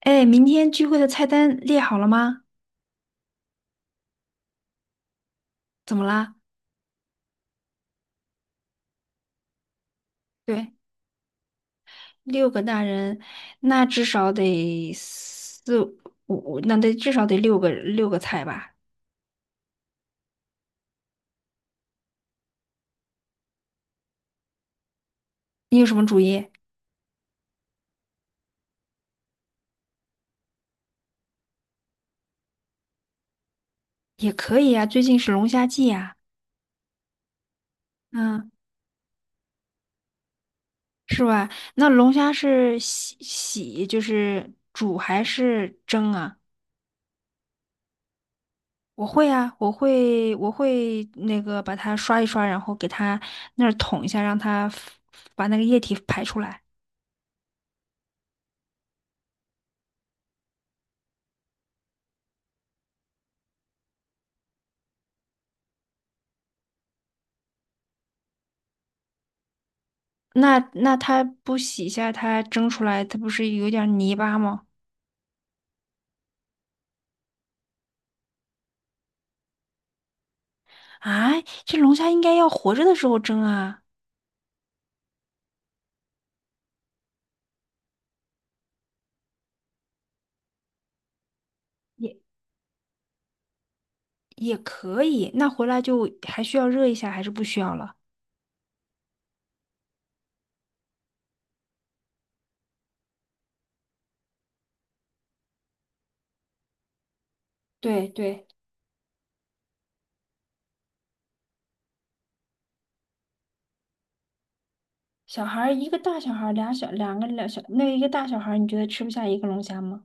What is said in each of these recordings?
哎，明天聚会的菜单列好了吗？怎么啦？对，六个大人，那至少得四五，五那得至少得六个菜吧？你有什么主意？也可以呀，最近是龙虾季呀，嗯，是吧？那龙虾是洗洗，就是煮还是蒸啊？我会啊，我会那个把它刷一刷，然后给它那儿捅一下，让它把那个液体排出来。那它不洗一下，它蒸出来，它不是有点儿泥巴吗？啊，这龙虾应该要活着的时候蒸啊，也也可以。那回来就还需要热一下，还是不需要了？对对，小孩儿一个大小孩儿，两个小，那一个大小孩儿你觉得吃不下一个龙虾吗？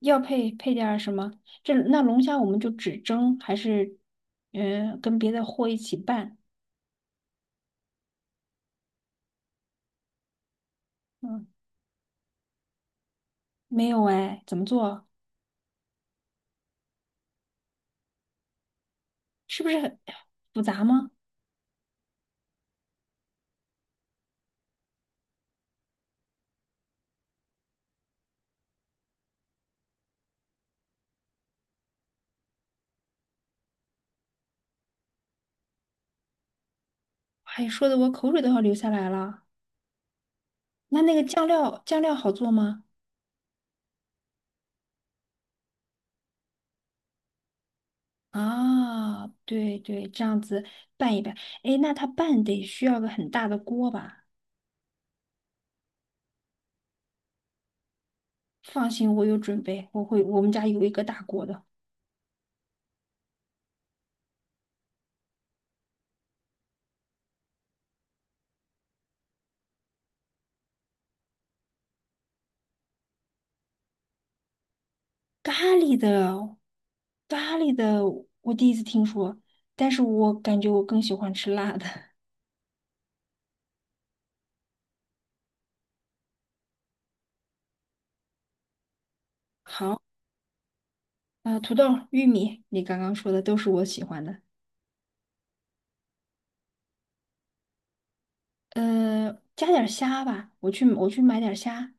要配点儿什么？那龙虾我们就只蒸，还是跟别的货一起拌？嗯，没有哎，怎么做？是不是很复杂吗？哎，说的我口水都要流下来了。那那个酱料好做吗？啊，对对，这样子拌一拌。哎，那它拌得需要个很大的锅吧？放心，我有准备，我会，我们家有一个大锅的。咖喱的，咖喱的，我第一次听说，但是我感觉我更喜欢吃辣的。好，啊、土豆、玉米，你刚刚说的都是我喜欢的。加点儿虾吧，我去买点儿虾。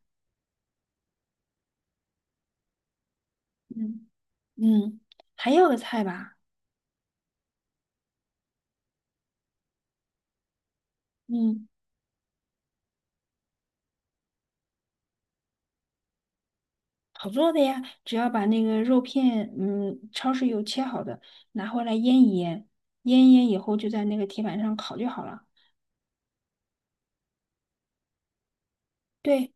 嗯。嗯，还有个菜吧，嗯，好做的呀，只要把那个肉片，超市有切好的，拿回来腌一腌，腌一腌以后就在那个铁板上烤就好了。对，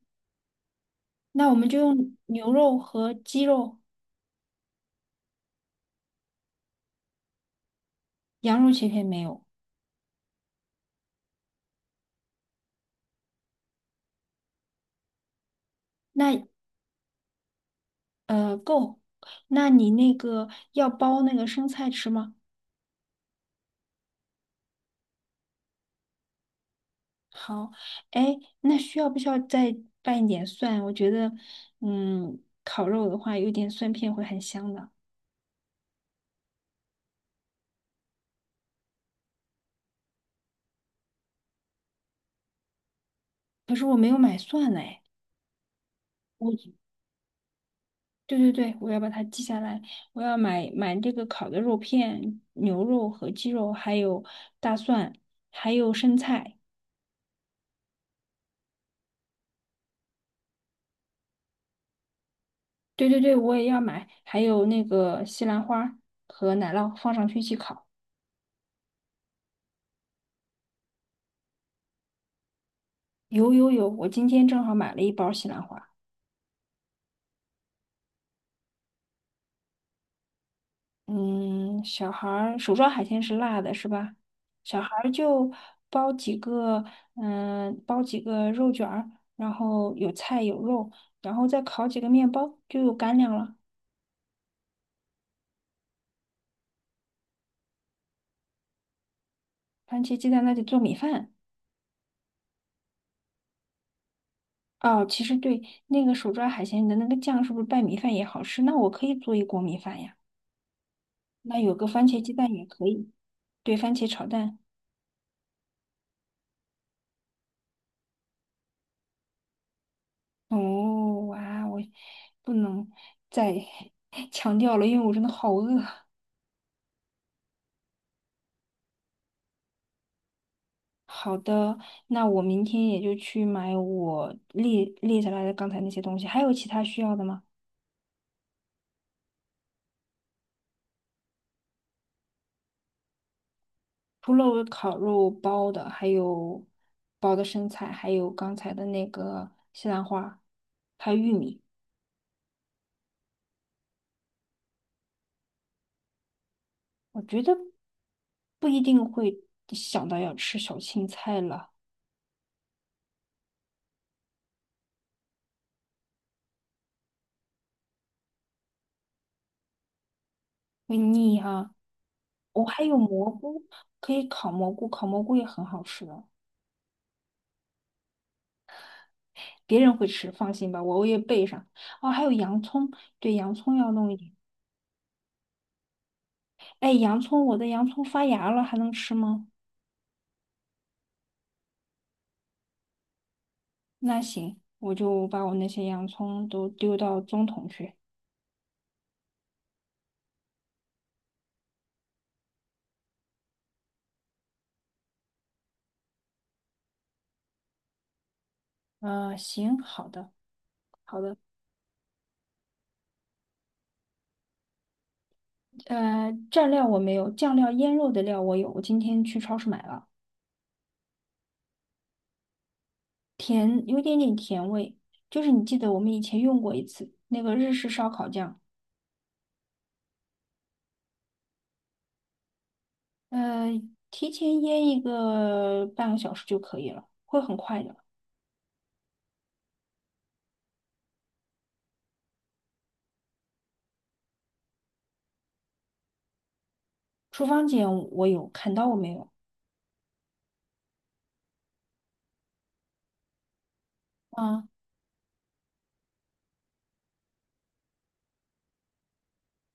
那我们就用牛肉和鸡肉，羊肉切片没有？那够，那你那个要包那个生菜吃吗？好，哎，那需要不需要再拌一点蒜？我觉得，嗯，烤肉的话有点蒜片会很香的。可是我没有买蒜嘞。我对对对，我要把它记下来。我要买这个烤的肉片、牛肉和鸡肉，还有大蒜，还有生菜。对对对，我也要买，还有那个西兰花和奶酪放上去一起烤。有有有，我今天正好买了一包西兰花。嗯，小孩儿手抓海鲜是辣的，是吧？小孩儿就包几个，包几个肉卷儿，然后有菜有肉，然后再烤几个面包，就有干粮了。番茄鸡蛋那铁做米饭。哦，其实对，那个手抓海鲜的那个酱是不是拌米饭也好吃？那我可以做一锅米饭呀。那有个番茄鸡蛋也可以，对，番茄炒蛋。哦，哇，我不能再 强调了，因为我真的好饿。好的，那我明天也就去买我列下来的刚才那些东西，还有其他需要的吗？除了我烤肉包的，还有包的生菜，还有刚才的那个西兰花，还有玉米。我觉得不一定会想到要吃小青菜了，会腻哈、我、还有蘑菇，可以烤蘑菇，烤蘑菇也很好吃的，别人会吃，放心吧，我也备上。哦，还有洋葱，对，洋葱要弄一点。哎，洋葱，我的洋葱发芽了，还能吃吗？那行，我就把我那些洋葱都丢到中桶去。行，好的，好的。蘸料我没有，酱料腌肉的料我有，我今天去超市买了，甜，有一点点甜味，就是你记得我们以前用过一次那个日式烧烤酱，呃，提前腌一个半个小时就可以了，会很快的。厨房剪我有，砍刀我没有。啊，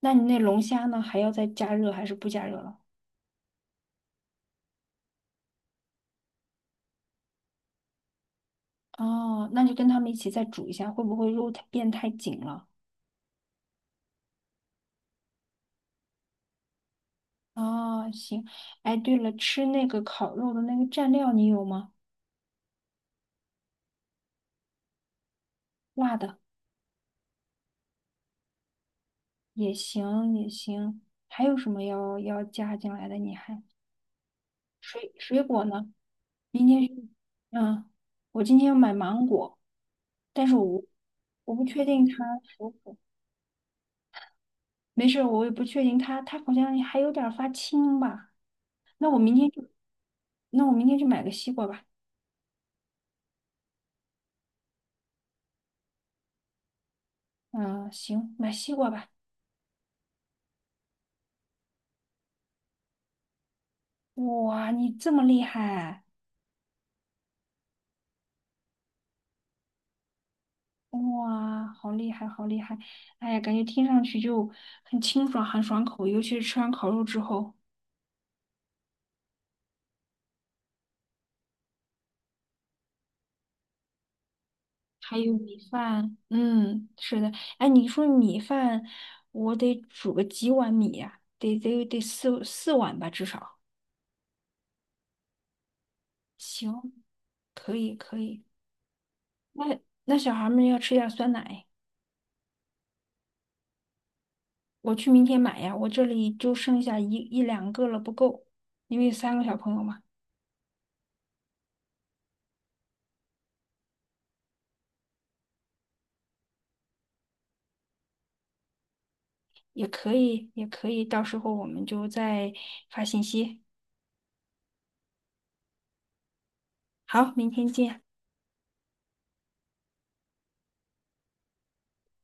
那你那龙虾呢？还要再加热还是不加热了？哦，那就跟他们一起再煮一下，会不会肉太变太紧了？哦，行。哎，对了，吃那个烤肉的那个蘸料你有吗？辣的也行，也行。还有什么要加进来的？你还水果呢？明天去嗯，我今天要买芒果，但是我不确定它熟不。没事儿，我也不确定它，它好像还有点儿发青吧。那我明天就，那我明天去买个西瓜吧。嗯，行，买西瓜吧。哇，你这么厉害！哇，好厉害，好厉害！哎呀，感觉听上去就很清爽，很爽口，尤其是吃完烤肉之后，还有米饭。嗯，是的。哎，你说米饭，我得煮个几碗米呀、得四碗吧，至少。行，可以可以。那小孩们要吃点酸奶，我去明天买呀。我这里就剩下一两个了，不够，因为三个小朋友嘛。也可以，也可以，到时候我们就再发信息。好，明天见。